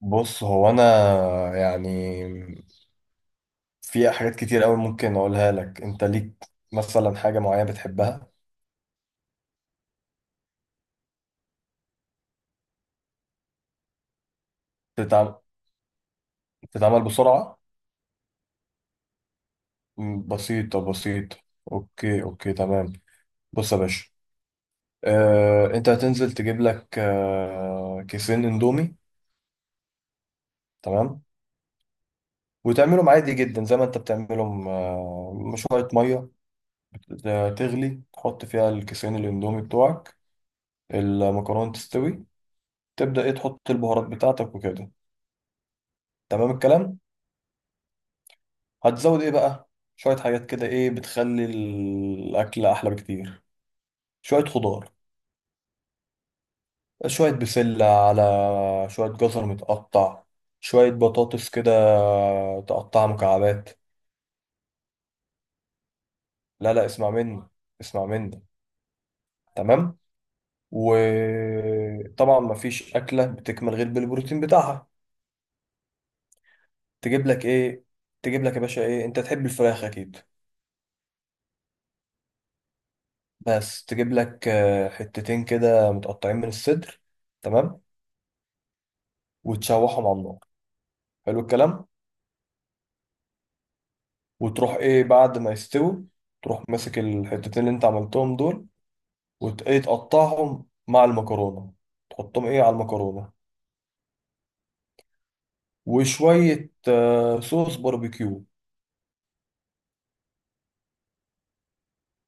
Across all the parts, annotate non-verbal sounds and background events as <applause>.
بص هو انا يعني، في حاجات كتير قوي ممكن اقولها لك. انت ليك مثلا حاجة معينة بتحبها. بتتعمل بتتعمل بسرعة. بسيطة بسيطة. اوكي، اوكي، تمام. بص يا باشا، انت هتنزل تجيب لك كيسين اندومي. تمام. وتعملهم عادي جدا زي ما انت بتعملهم. شوية مية تغلي، تحط فيها الكيسين الاندومي بتوعك. المكرونة تستوي، تبدأ ايه تحط البهارات بتاعتك وكده. تمام الكلام. هتزود ايه بقى؟ شوية حاجات كده ايه بتخلي الأكل أحلى بكتير. شوية خضار، شوية بسلة، على شوية جزر متقطع، شوية بطاطس كده تقطعها مكعبات. لا لا، اسمع مني. اسمع مني. تمام. وطبعا مفيش أكلة بتكمل غير بالبروتين بتاعها. تجيب لك ايه؟ تجيب لك يا باشا ايه؟ انت تحب الفراخ أكيد. بس تجيب لك حتتين كده متقطعين من الصدر. تمام. وتشوحهم على النار. حلو الكلام. وتروح ايه بعد ما يستوي، تروح ماسك الحتتين اللي انت عملتهم دول، ايه تقطعهم مع المكرونة، تحطهم ايه على المكرونة. وشوية صوص باربيكيو.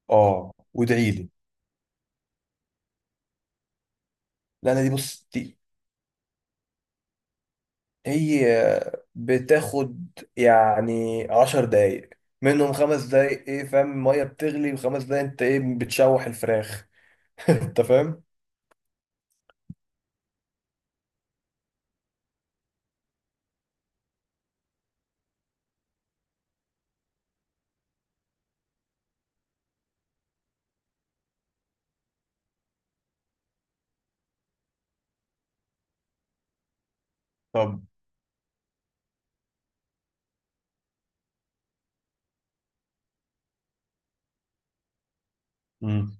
اه، وادعيلي. لا، انا دي بص دي هي بتاخد يعني 10 دقايق، منهم 5 دقايق ايه فاهم المية بتغلي، و5 دقايق انت ايه بتشوح الفراخ. <laughs> انت فاهم. طب. مم.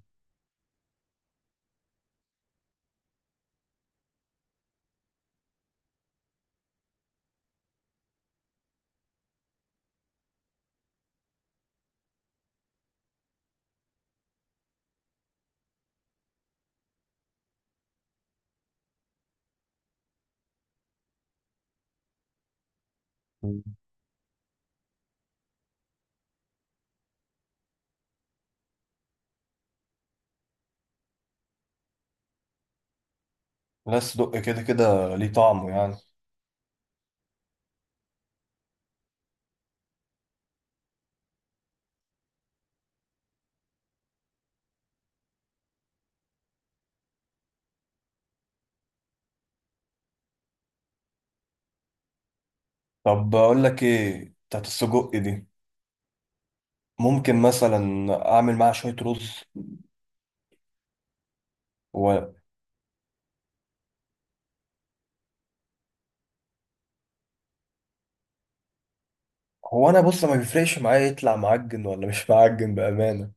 بس دق كده كده ليه طعمه يعني. طب بقول لك ايه بتاعت السجق دي، ممكن مثلا اعمل معاها شويه رز و... هو انا بص، ما بيفرقش معايا يطلع معجن ولا مش معجن، بامانه.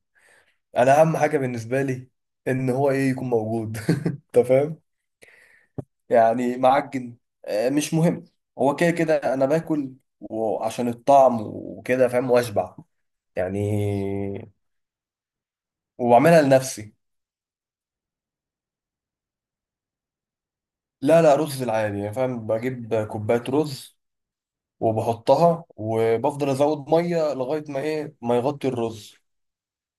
انا اهم حاجه بالنسبه لي ان هو ايه يكون موجود. <laughs> انت فاهم؟ يعني معجن مش مهم. هو كده كده انا باكل، وعشان الطعم وكده فاهم واشبع يعني. وبعملها لنفسي. لا لا، رز العادي يعني فاهم. بجيب كوبايه رز وبحطها وبفضل ازود ميه لغايه ما ايه ما يغطي الرز.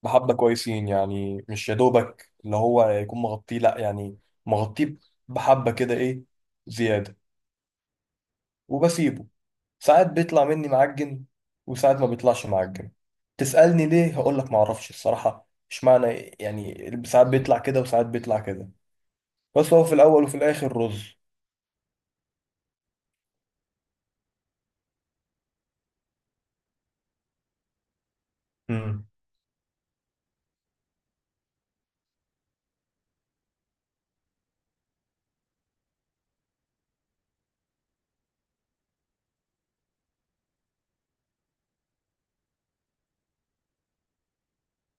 بحبه كويسين يعني، مش يا دوبك اللي هو يكون مغطيه، لا يعني، مغطيه. بحبه كده، ايه، زياده. وبسيبه. ساعات بيطلع مني معجن، وساعات ما بيطلعش معجن. تسألني ليه؟ هقول لك، ما اعرفش الصراحه اشمعنى، يعني ساعات بيطلع كده وساعات بيطلع كده. بس هو في الاول وفي الاخر رز. امم.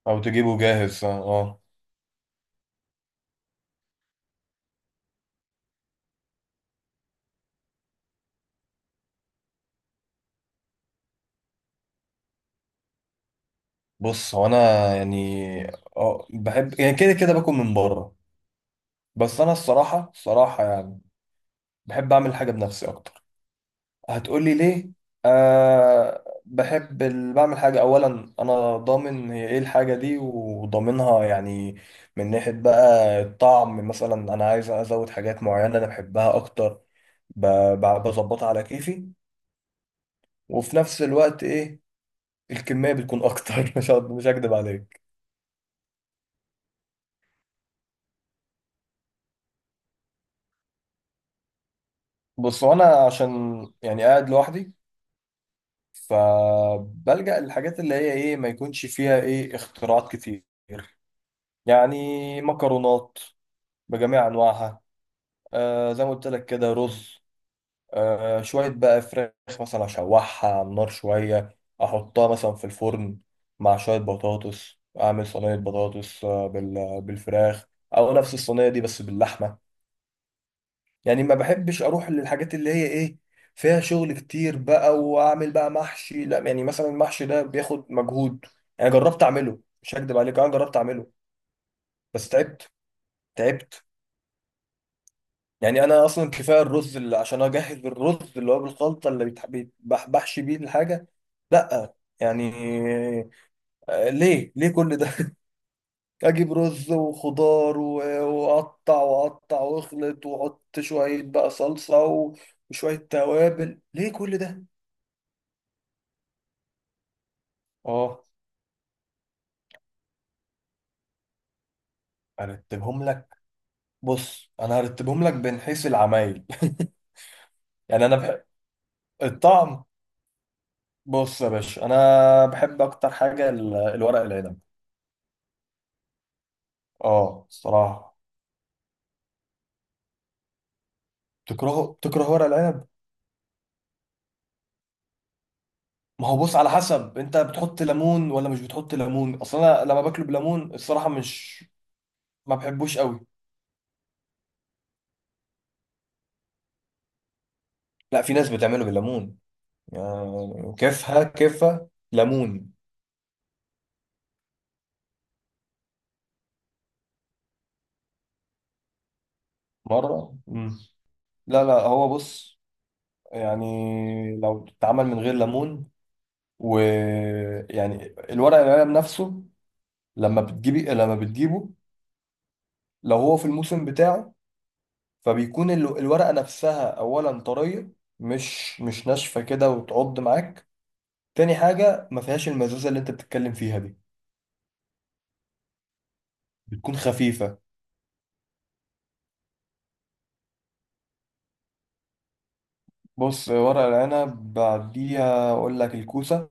او تجيبه جاهز، اه. بص هو انا يعني، اه بحب يعني كده كده باكل من بره. بس انا الصراحه، الصراحه يعني بحب اعمل حاجه بنفسي اكتر. هتقولي ليه؟ أه، بحب بعمل حاجه. اولا انا ضامن هي ايه الحاجه دي وضامنها يعني. من ناحيه بقى الطعم، مثلا انا عايز ازود حاجات معينه انا بحبها اكتر. ب... بظبطها على كيفي. وفي نفس الوقت ايه الكميه بتكون اكتر. <laughs> مش هكدب عليك. بص هو انا عشان يعني قاعد لوحدي، فبلجأ للحاجات اللي هي ايه ما يكونش فيها ايه اختراعات كتير. يعني مكرونات بجميع انواعها، آه زي ما قلت لك كده رز، آه شوية بقى فراخ مثلا اشوحها على النار شوية، احطها مثلا في الفرن مع شوية بطاطس، اعمل صينية بطاطس بالفراخ، او نفس الصينية دي بس باللحمة. يعني ما بحبش اروح للحاجات اللي هي ايه فيها شغل كتير بقى واعمل بقى محشي، لا يعني، مثلا المحشي ده بياخد مجهود. انا جربت اعمله، مش هكدب عليك، انا جربت اعمله بس تعبت. تعبت. يعني انا اصلا كفايه الرز، اللي عشان اجهز الرز اللي هو بالخلطه اللي بحشي بيه الحاجه. لا يعني، ليه ليه كل ده؟ <laughs> اجيب رز وخضار واقطع واقطع واخلط واحط شويه بقى صلصه وشويه توابل، ليه كل ده؟ اه، ارتبهم لك. بص انا هرتبهم لك من حيث العمايل. <laughs> يعني انا بحب الطعم. بص يا باشا، انا بحب اكتر حاجه الورق العنب. اه الصراحه. تكرهه؟ تكره ورق العنب؟ ما هو بص، على حسب انت بتحط ليمون ولا مش بتحط ليمون. اصلا انا لما باكله بليمون الصراحه مش ما بحبوش قوي. لا، في ناس بتعمله بالليمون. يعني كيفها كيفها ليمون. مره. مم. لا لا، هو بص يعني لو اتعمل من غير ليمون، ويعني الورق العنب نفسه لما بتجيبي، لما بتجيبه لو هو في الموسم بتاعه، فبيكون الورقة نفسها أولا طرية، مش ناشفة كده وتعض معاك. تاني حاجة، ما فيهاش المزازة اللي انت بتتكلم فيها دي. بتكون خفيفة. بص ورق العنب بعديها أقول لك الكوسة.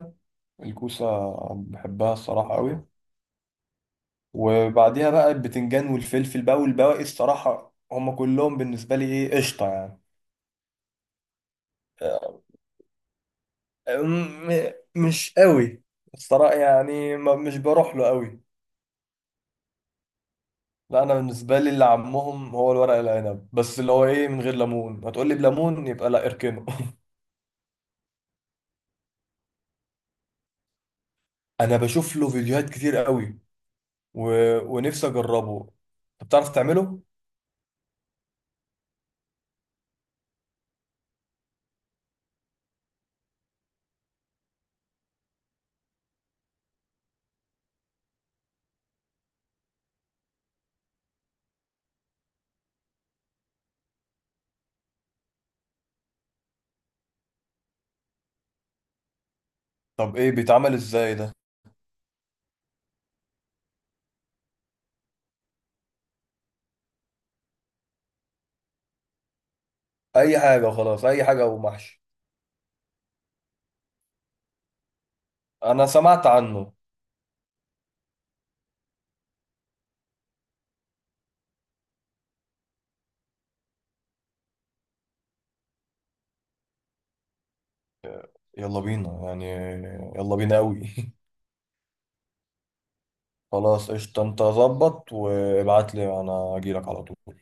الكوسة بحبها الصراحة قوي. وبعديها بقى البتنجان والفلفل بقى والبواقي، الصراحة هما كلهم بالنسبة لي إيه قشطة يعني. مش قوي. الصراحة يعني ما مش بروح له قوي. لا، انا بالنسبة لي اللي عمهم هو الورق العنب، بس اللي هو ايه من غير ليمون. هتقول لي بليمون؟ يبقى لا، اركنه. <laughs> انا بشوف له فيديوهات كتير قوي، و... ونفسي اجربه. طب بتعرف تعمله؟ طب ايه بيتعمل ازاي ده؟ اي حاجة، خلاص، اي حاجة ومحشي. انا سمعت عنه. يلا بينا يعني. يلا بينا قوي. <laughs> خلاص قشطة، انت ظبط وابعت لي، انا اجيلك على طول.